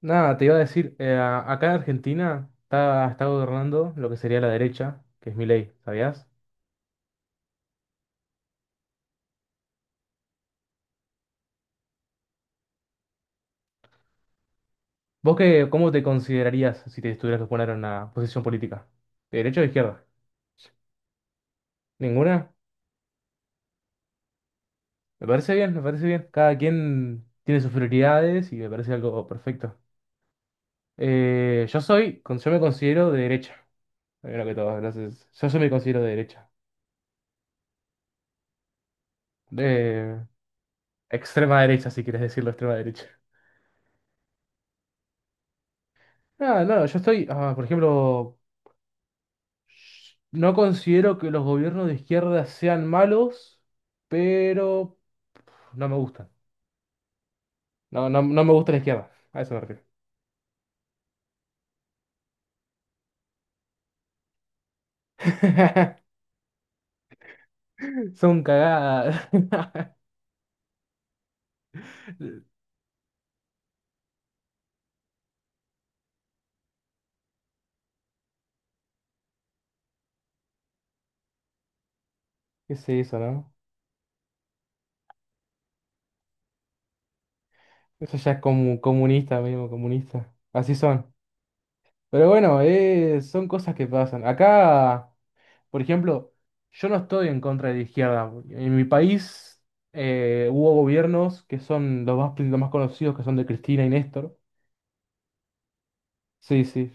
Nada, te iba a decir, acá en Argentina está gobernando lo que sería la derecha, que es mi ley, ¿sabías? ¿Vos qué, cómo te considerarías si te tuvieras que poner en una posición política? ¿De derecha o de izquierda? ¿Ninguna? Me parece bien, me parece bien. Cada quien tiene sus prioridades y me parece algo perfecto. Yo me considero de derecha, primero que todo, entonces, yo me considero de derecha. De extrema derecha, si quieres decirlo, extrema derecha. Ah, no, yo estoy, ah, por ejemplo, no considero que los gobiernos de izquierda sean malos, pero no me gustan. No me gusta la izquierda. A eso me refiero. Son cagadas. ¿Qué es eso, no? Eso ya es como comunista mismo, comunista. Así son. Pero bueno, son cosas que pasan. Acá, por ejemplo, yo no estoy en contra de la izquierda. En mi país hubo gobiernos que son los más conocidos, que son de Cristina y Néstor. Sí, sí.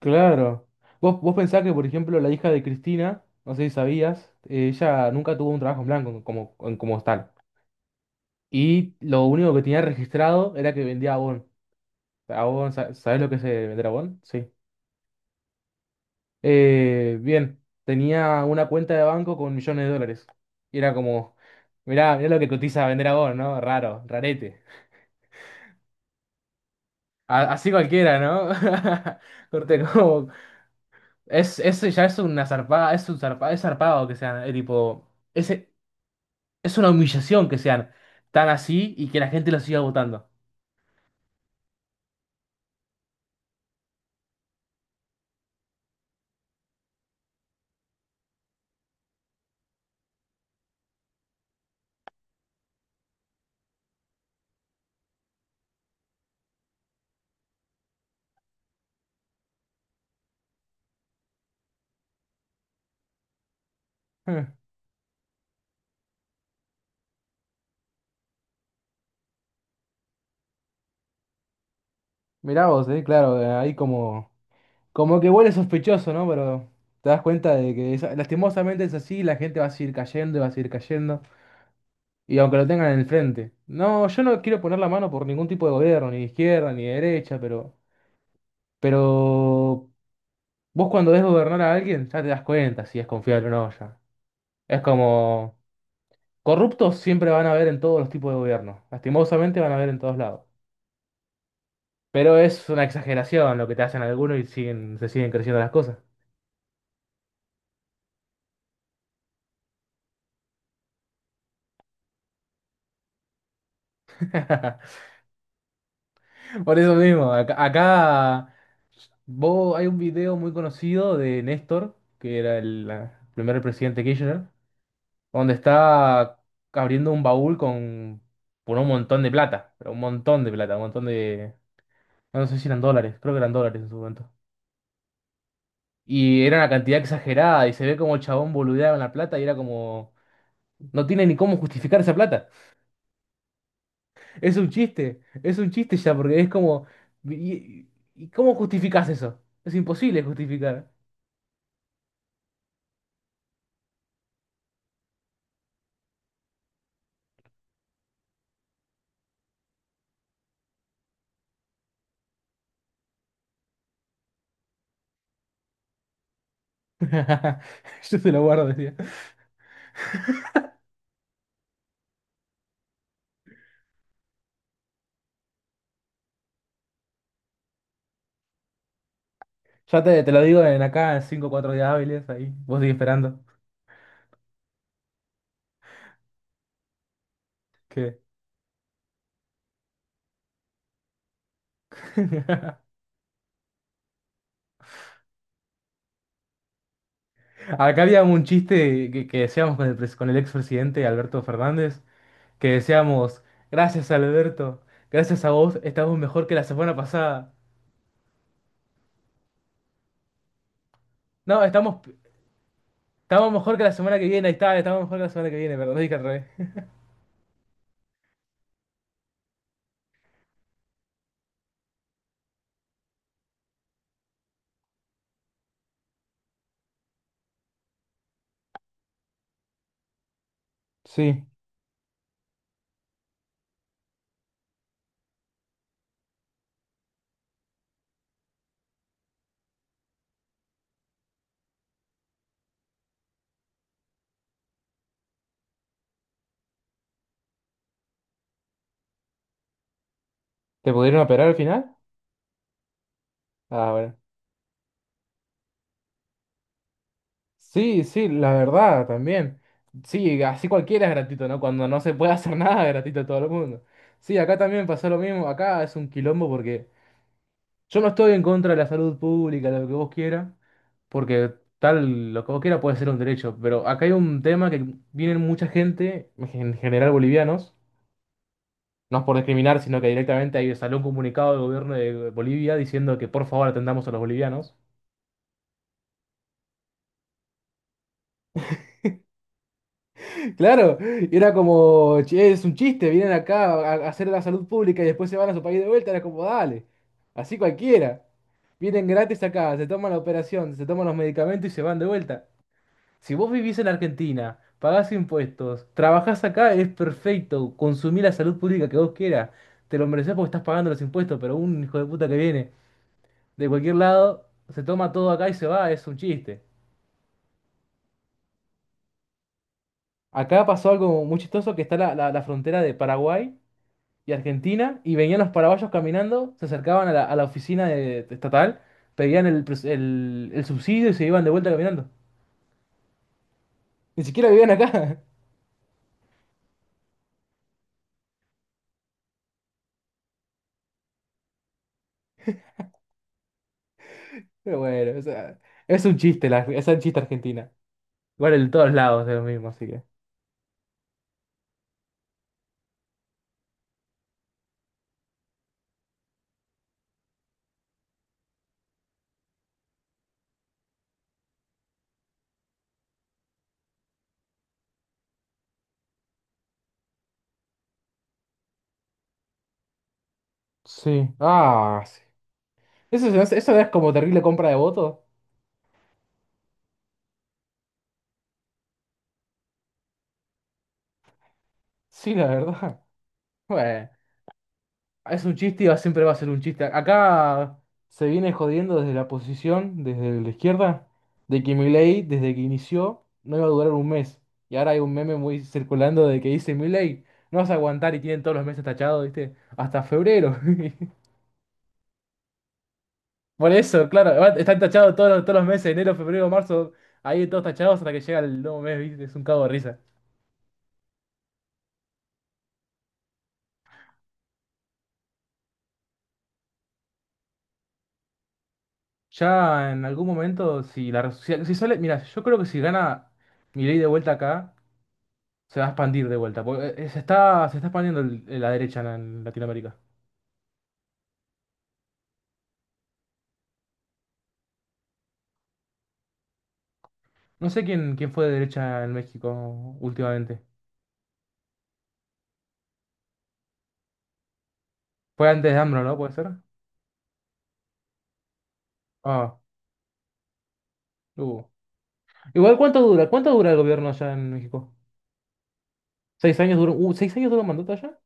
Claro. Vos pensás que, por ejemplo, la hija de Cristina, no sé si sabías, ella nunca tuvo un trabajo en blanco como, como tal. Y lo único que tenía registrado era que vendía abón. Abón, ¿sabés lo que es vender abón? Sí. Bien, tenía una cuenta de banco con millones de dólares. Y era como, mirá, mirá lo que cotiza vender abón, ¿no? Raro, rarete. Así cualquiera, ¿no? Corte, como... ya es una zarpada, es zarpado que sea, tipo... Ese, es una humillación que sean tan así y que la gente los siga votando. Eh, Mirá vos, claro, ahí como, como que huele sospechoso, ¿no? Pero te das cuenta de que lastimosamente es así, la gente va a seguir cayendo y va a seguir cayendo, y aunque lo tengan en el frente. No, yo no quiero poner la mano por ningún tipo de gobierno, ni de izquierda, ni de derecha, pero vos cuando ves gobernar a alguien ya te das cuenta si es confiable o no ya. Es como, corruptos siempre van a haber en todos los tipos de gobierno, lastimosamente van a haber en todos lados. Pero es una exageración lo que te hacen algunos y siguen, se siguen creciendo las cosas. Por eso mismo, acá vos, hay un video muy conocido de Néstor, que era el primer presidente Kirchner, donde está abriendo un baúl con, por un montón de plata, pero un montón de plata, un montón de... No sé si eran dólares, creo que eran dólares en su momento. Y era una cantidad exagerada y se ve como el chabón boludeaba en la plata y era como... No tiene ni cómo justificar esa plata. Es un chiste ya, porque es como... ¿Y, y cómo justificás eso? Es imposible justificar. Yo te lo guardo, decía. Ya te lo digo en acá cinco 5 o 4 días hábiles, ahí. Vos seguís esperando. Que... Acá había un chiste que decíamos con el, con el expresidente Alberto Fernández, que decíamos, gracias Alberto, gracias a vos, estamos mejor que la semana pasada. No, estamos, estamos mejor que la semana que viene, ahí está, estamos mejor que la semana que viene, perdón, dije al revés. Sí. ¿Te pudieron operar al final? Ah, bueno. Sí, sí, la verdad, también. Sí, así cualquiera es gratuito, ¿no? Cuando no se puede hacer nada, es gratuito a todo el mundo. Sí, acá también pasó lo mismo. Acá es un quilombo porque yo no estoy en contra de la salud pública, lo que vos quieras, porque tal, lo que vos quieras puede ser un derecho. Pero acá hay un tema que viene mucha gente, en general bolivianos, no es por discriminar, sino que directamente ahí salió un comunicado del gobierno de Bolivia diciendo que por favor atendamos a los bolivianos. Claro, y era como, "Che, es un chiste, vienen acá a hacer la salud pública y después se van a su país de vuelta, era como, dale, así cualquiera. Vienen gratis acá, se toman la operación, se toman los medicamentos y se van de vuelta. Si vos vivís en Argentina, pagás impuestos, trabajás acá, es perfecto, consumí la salud pública que vos quieras, te lo mereces porque estás pagando los impuestos, pero un hijo de puta que viene de cualquier lado, se toma todo acá y se va, es un chiste. Acá pasó algo muy chistoso que está la, la frontera de Paraguay y Argentina y venían los paraguayos caminando, se acercaban a la oficina de estatal, pedían el, el subsidio y se iban de vuelta caminando. Ni siquiera vivían acá. Pero bueno, o sea, es un chiste, la, es un chiste Argentina. Igual en todos lados es lo mismo, así que. Sí. Ah, sí. Eso es como terrible compra de votos. Sí, la verdad. Bueno. Es un chiste y siempre va a ser un chiste. Acá se viene jodiendo desde la posición, desde la izquierda, de que Milei, desde que inició, no iba a durar un mes. Y ahora hay un meme muy circulando de que dice Milei, no vas a aguantar y tienen todos los meses tachados, ¿viste? Hasta febrero. Por eso, claro, están tachados todos, todos los meses, enero, febrero, marzo, ahí todos tachados hasta que llega el nuevo mes, ¿viste? Es un cago de risa. Ya en algún momento, si la si, si sale, mira, yo creo que si gana Milei de vuelta acá. Se va a expandir de vuelta. Porque, se está, se está expandiendo la derecha en Latinoamérica. No sé quién fue de derecha en México últimamente. Fue antes de AMLO, ¿no? ¿Puede ser? Ah, hubo. Igual, ¿cuánto dura? ¿Cuánto dura el gobierno allá en México? ¿Seis años duró? ¿Seis años duró un mandato allá?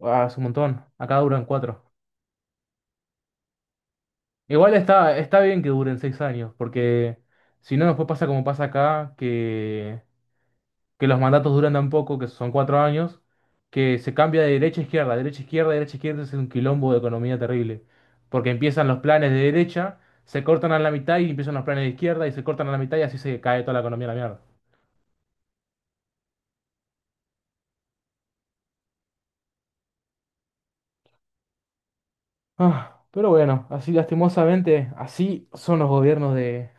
Ah, es un montón. Acá duran cuatro. Igual está, está bien que duren seis años, porque si no, después pasa como pasa acá, que los mandatos duran tan poco, que son cuatro años, que se cambia de derecha a izquierda, derecha a izquierda, derecha a izquierda, es un quilombo de economía terrible. Porque empiezan los planes de derecha, se cortan a la mitad y empiezan los planes de izquierda y se cortan a la mitad y así se cae toda la economía a la mierda. Ah, pero bueno, así lastimosamente, así son los gobiernos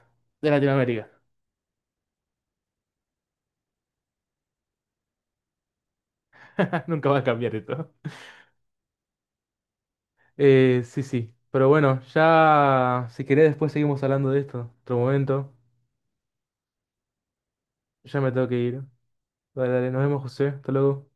de Latinoamérica. Nunca va a cambiar esto. Sí, sí. Pero bueno, ya si querés después seguimos hablando de esto. Otro momento. Ya me tengo que ir. Dale, dale, nos vemos, José. Hasta luego.